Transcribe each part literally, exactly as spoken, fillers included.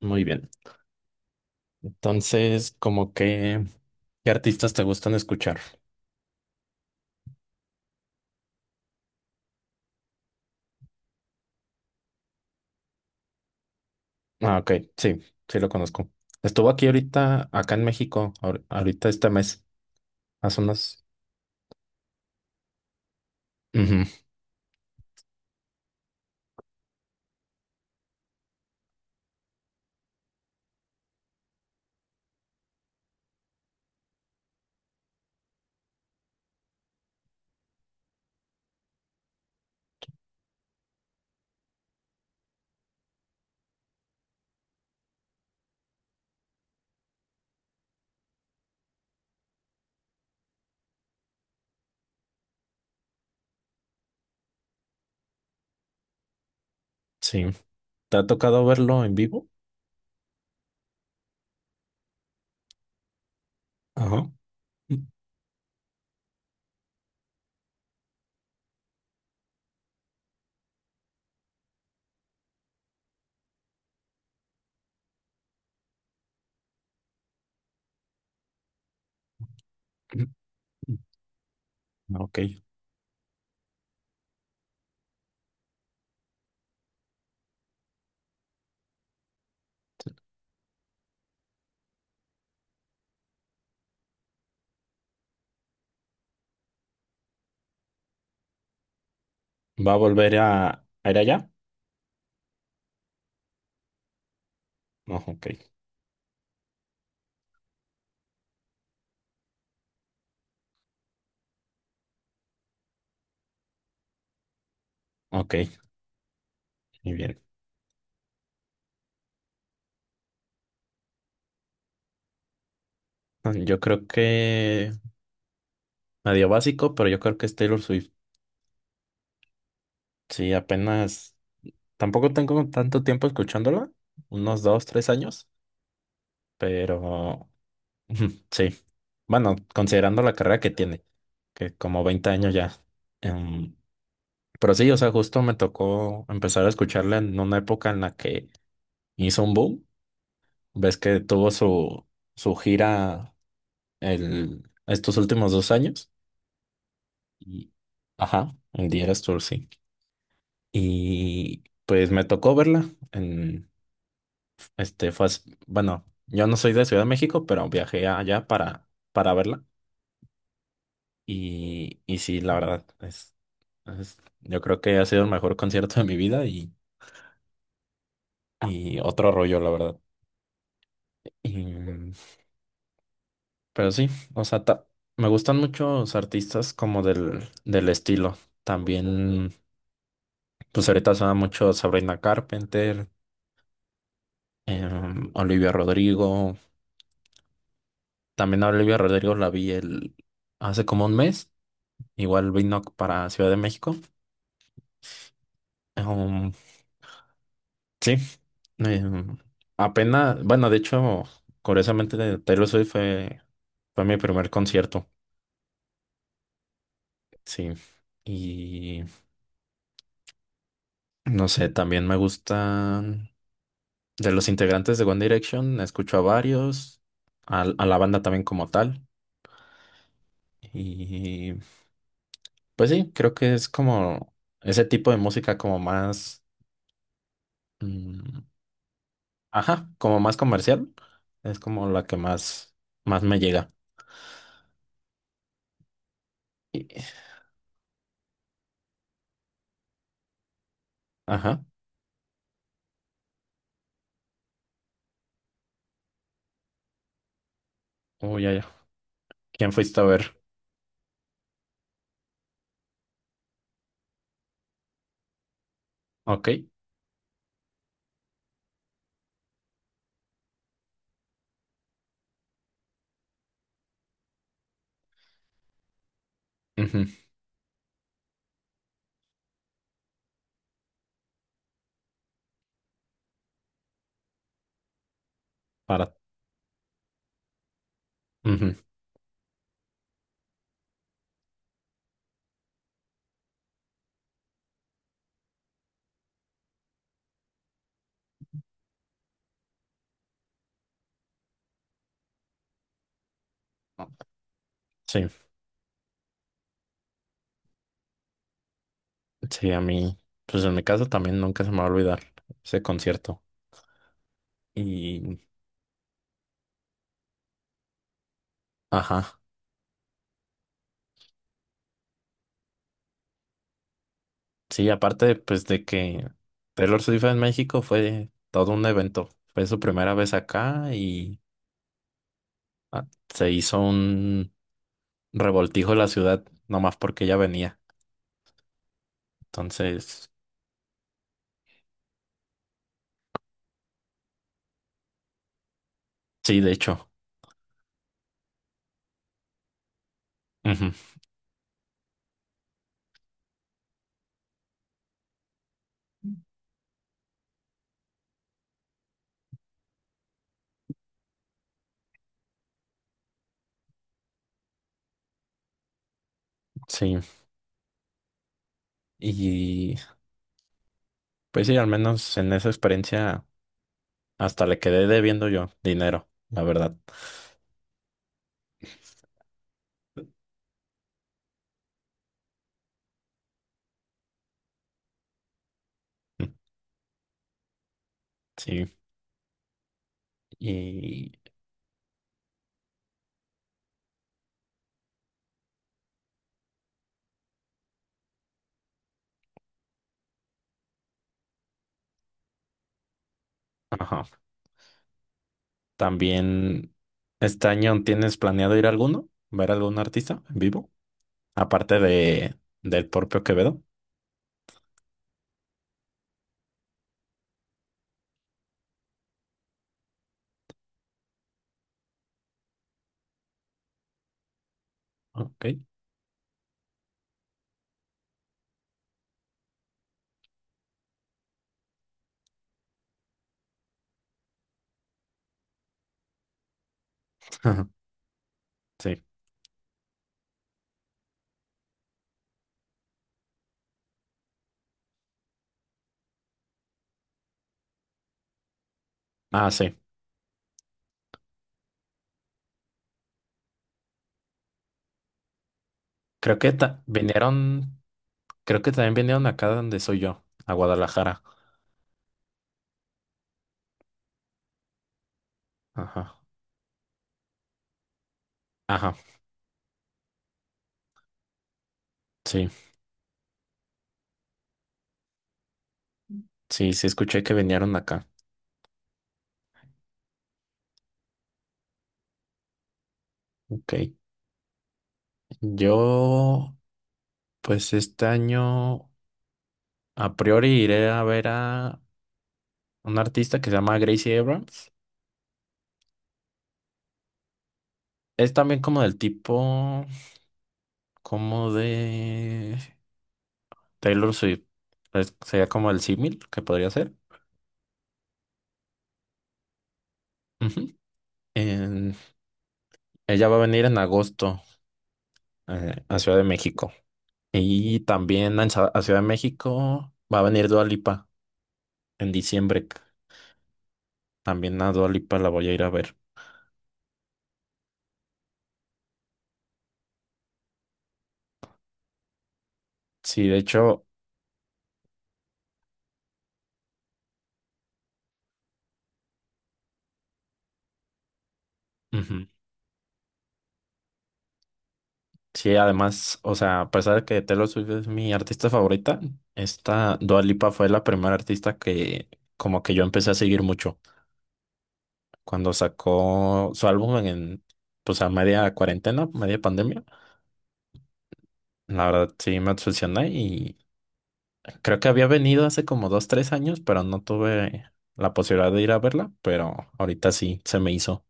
Muy bien. Entonces, como que, ¿qué artistas te gustan escuchar? Ah, ok, sí, sí lo conozco. Estuvo aquí ahorita, acá en México, ahor- ahorita este mes, hace unos... Ujú, sí. ¿Te ha tocado verlo en vivo? Ajá. Mm. Mm. Ok. ¿Va a volver a, a ir allá? No, ok, ok, muy bien. Ah, yo creo que medio básico, pero yo creo que es Taylor Swift. Sí, apenas, tampoco tengo tanto tiempo escuchándola, unos dos, tres años, pero sí. Bueno, considerando la carrera que tiene, que como veinte años ya. Em, pero sí, o sea, justo me tocó empezar a escucharla en una época en la que hizo un boom. Ves que tuvo su, su gira el, estos últimos dos años. Y, ajá, el Eras Tour, sí. Y pues me tocó verla. En Este fue, as- bueno, yo no soy de Ciudad de México, pero viajé allá para, para verla. Y, y sí, la verdad, es, es- yo creo que ha sido el mejor concierto de mi vida y, y otro rollo, la verdad. Y, mm, pero sí, o sea, ta- me gustan muchos artistas como del, del estilo. También, pues ahorita suena mucho Sabrina Carpenter, em, Olivia Rodrigo. También a Olivia Rodrigo la vi el, hace como un mes. Igual vino para Ciudad de México. Um, sí, em, apenas, bueno, de hecho, curiosamente de Taylor Swift fue, fue mi primer concierto, sí. Y no sé, también me gustan de los integrantes de One Direction, escucho a varios, al- a, la banda también como tal. Y pues sí, creo que es como ese tipo de música como más, mm, ajá, como más comercial, es como la que más, más me llega. Y- ajá, oh, ya, ya. ¿Quién fuiste a ver? Ok. Ujú. Para. Ujú. Sí. Sí, a mí. Pues en mi caso también nunca se me va a olvidar ese concierto. Y. Ajá. Sí, aparte, pues de que Taylor Swift en México fue todo un evento. Fue su primera vez acá y ah, se hizo un revoltijo en la ciudad, nomás porque ella venía. Entonces, sí, de hecho. Ujú. Sí. Y pues sí, al menos en esa experiencia. Hasta le quedé debiendo yo dinero, la verdad. Sí. Y, ajá. También, ¿este año tienes planeado ir a alguno? ¿Ver algún artista en vivo? Aparte de, del propio Quevedo. Ok. Sí. Ah, sí. Creo que ta- vinieron, creo que también vinieron acá donde soy yo, a Guadalajara. Ajá. Ajá. Sí. Sí, sí, escuché que vinieron acá. Ok. Yo, pues este año, a priori iré a ver a un artista que se llama Gracie Abrams. Es también como del tipo, como de Taylor Swift. Es- sería como el símil que podría ser. Ujú. En- Ella va a venir en agosto, eh, a Ciudad de México. Y también en Sa- a Ciudad de México va a venir Dua Lipa en diciembre. También a Dua Lipa la voy a ir a ver. Sí, de hecho. Ujú. Sí, además, o sea, a pesar de que Taylor Swift es mi artista favorita, esta Dua Lipa fue la primera artista que como que yo empecé a seguir mucho. Cuando sacó su álbum en, pues a media cuarentena, media pandemia, la verdad sí me obsesioné y creo que había venido hace como dos, tres años, pero no tuve la posibilidad de ir a verla, pero ahorita sí se me hizo.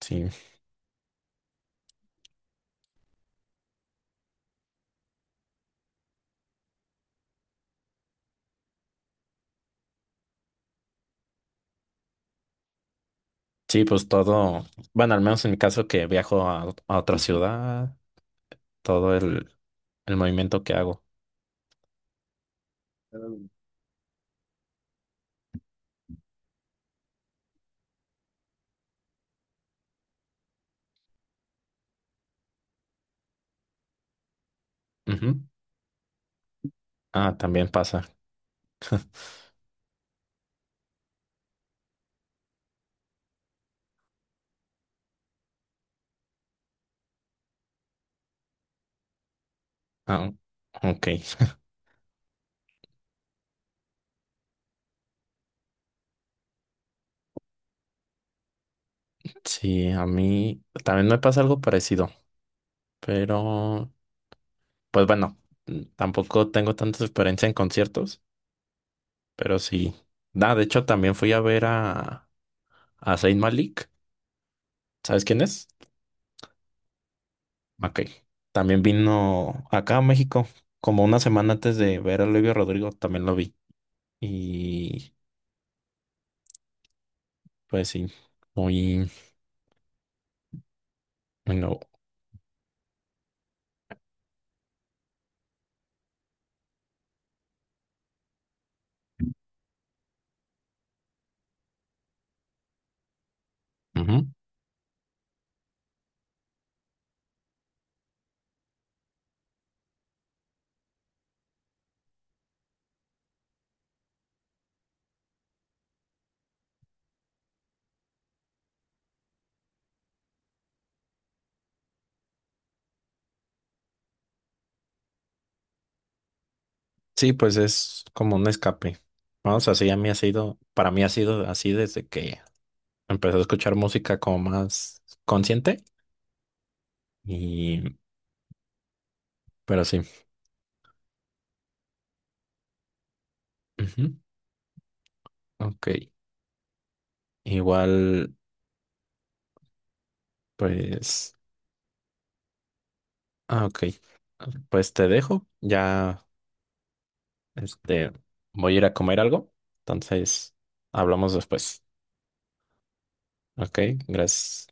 Sí, sí, pues todo, bueno, al menos en mi caso que viajo a, a otra ciudad, todo el el movimiento que hago. Ujú. Ah, también pasa. Ah, ok. Sí, a mí también me pasa algo parecido, pero pues bueno, mm, tampoco tengo tanta experiencia en conciertos, pero sí. Ah, de hecho, también fui a ver a, a Zayn Malik. ¿Sabes quién es? Ok. También vino acá a México, como una semana antes de ver a Olivia Rodrigo, también lo vi. Y pues sí, muy, muy nuevo. Sí, pues es como un escape. Vamos, así a mí ha sido, para mí ha sido así desde que empecé a escuchar música como más consciente y, pero sí. Ujú. Ok. Igual, pues, ah, ok. Pues te dejo. Ya, este, voy a ir a comer algo. Entonces, hablamos después. Ok, gracias.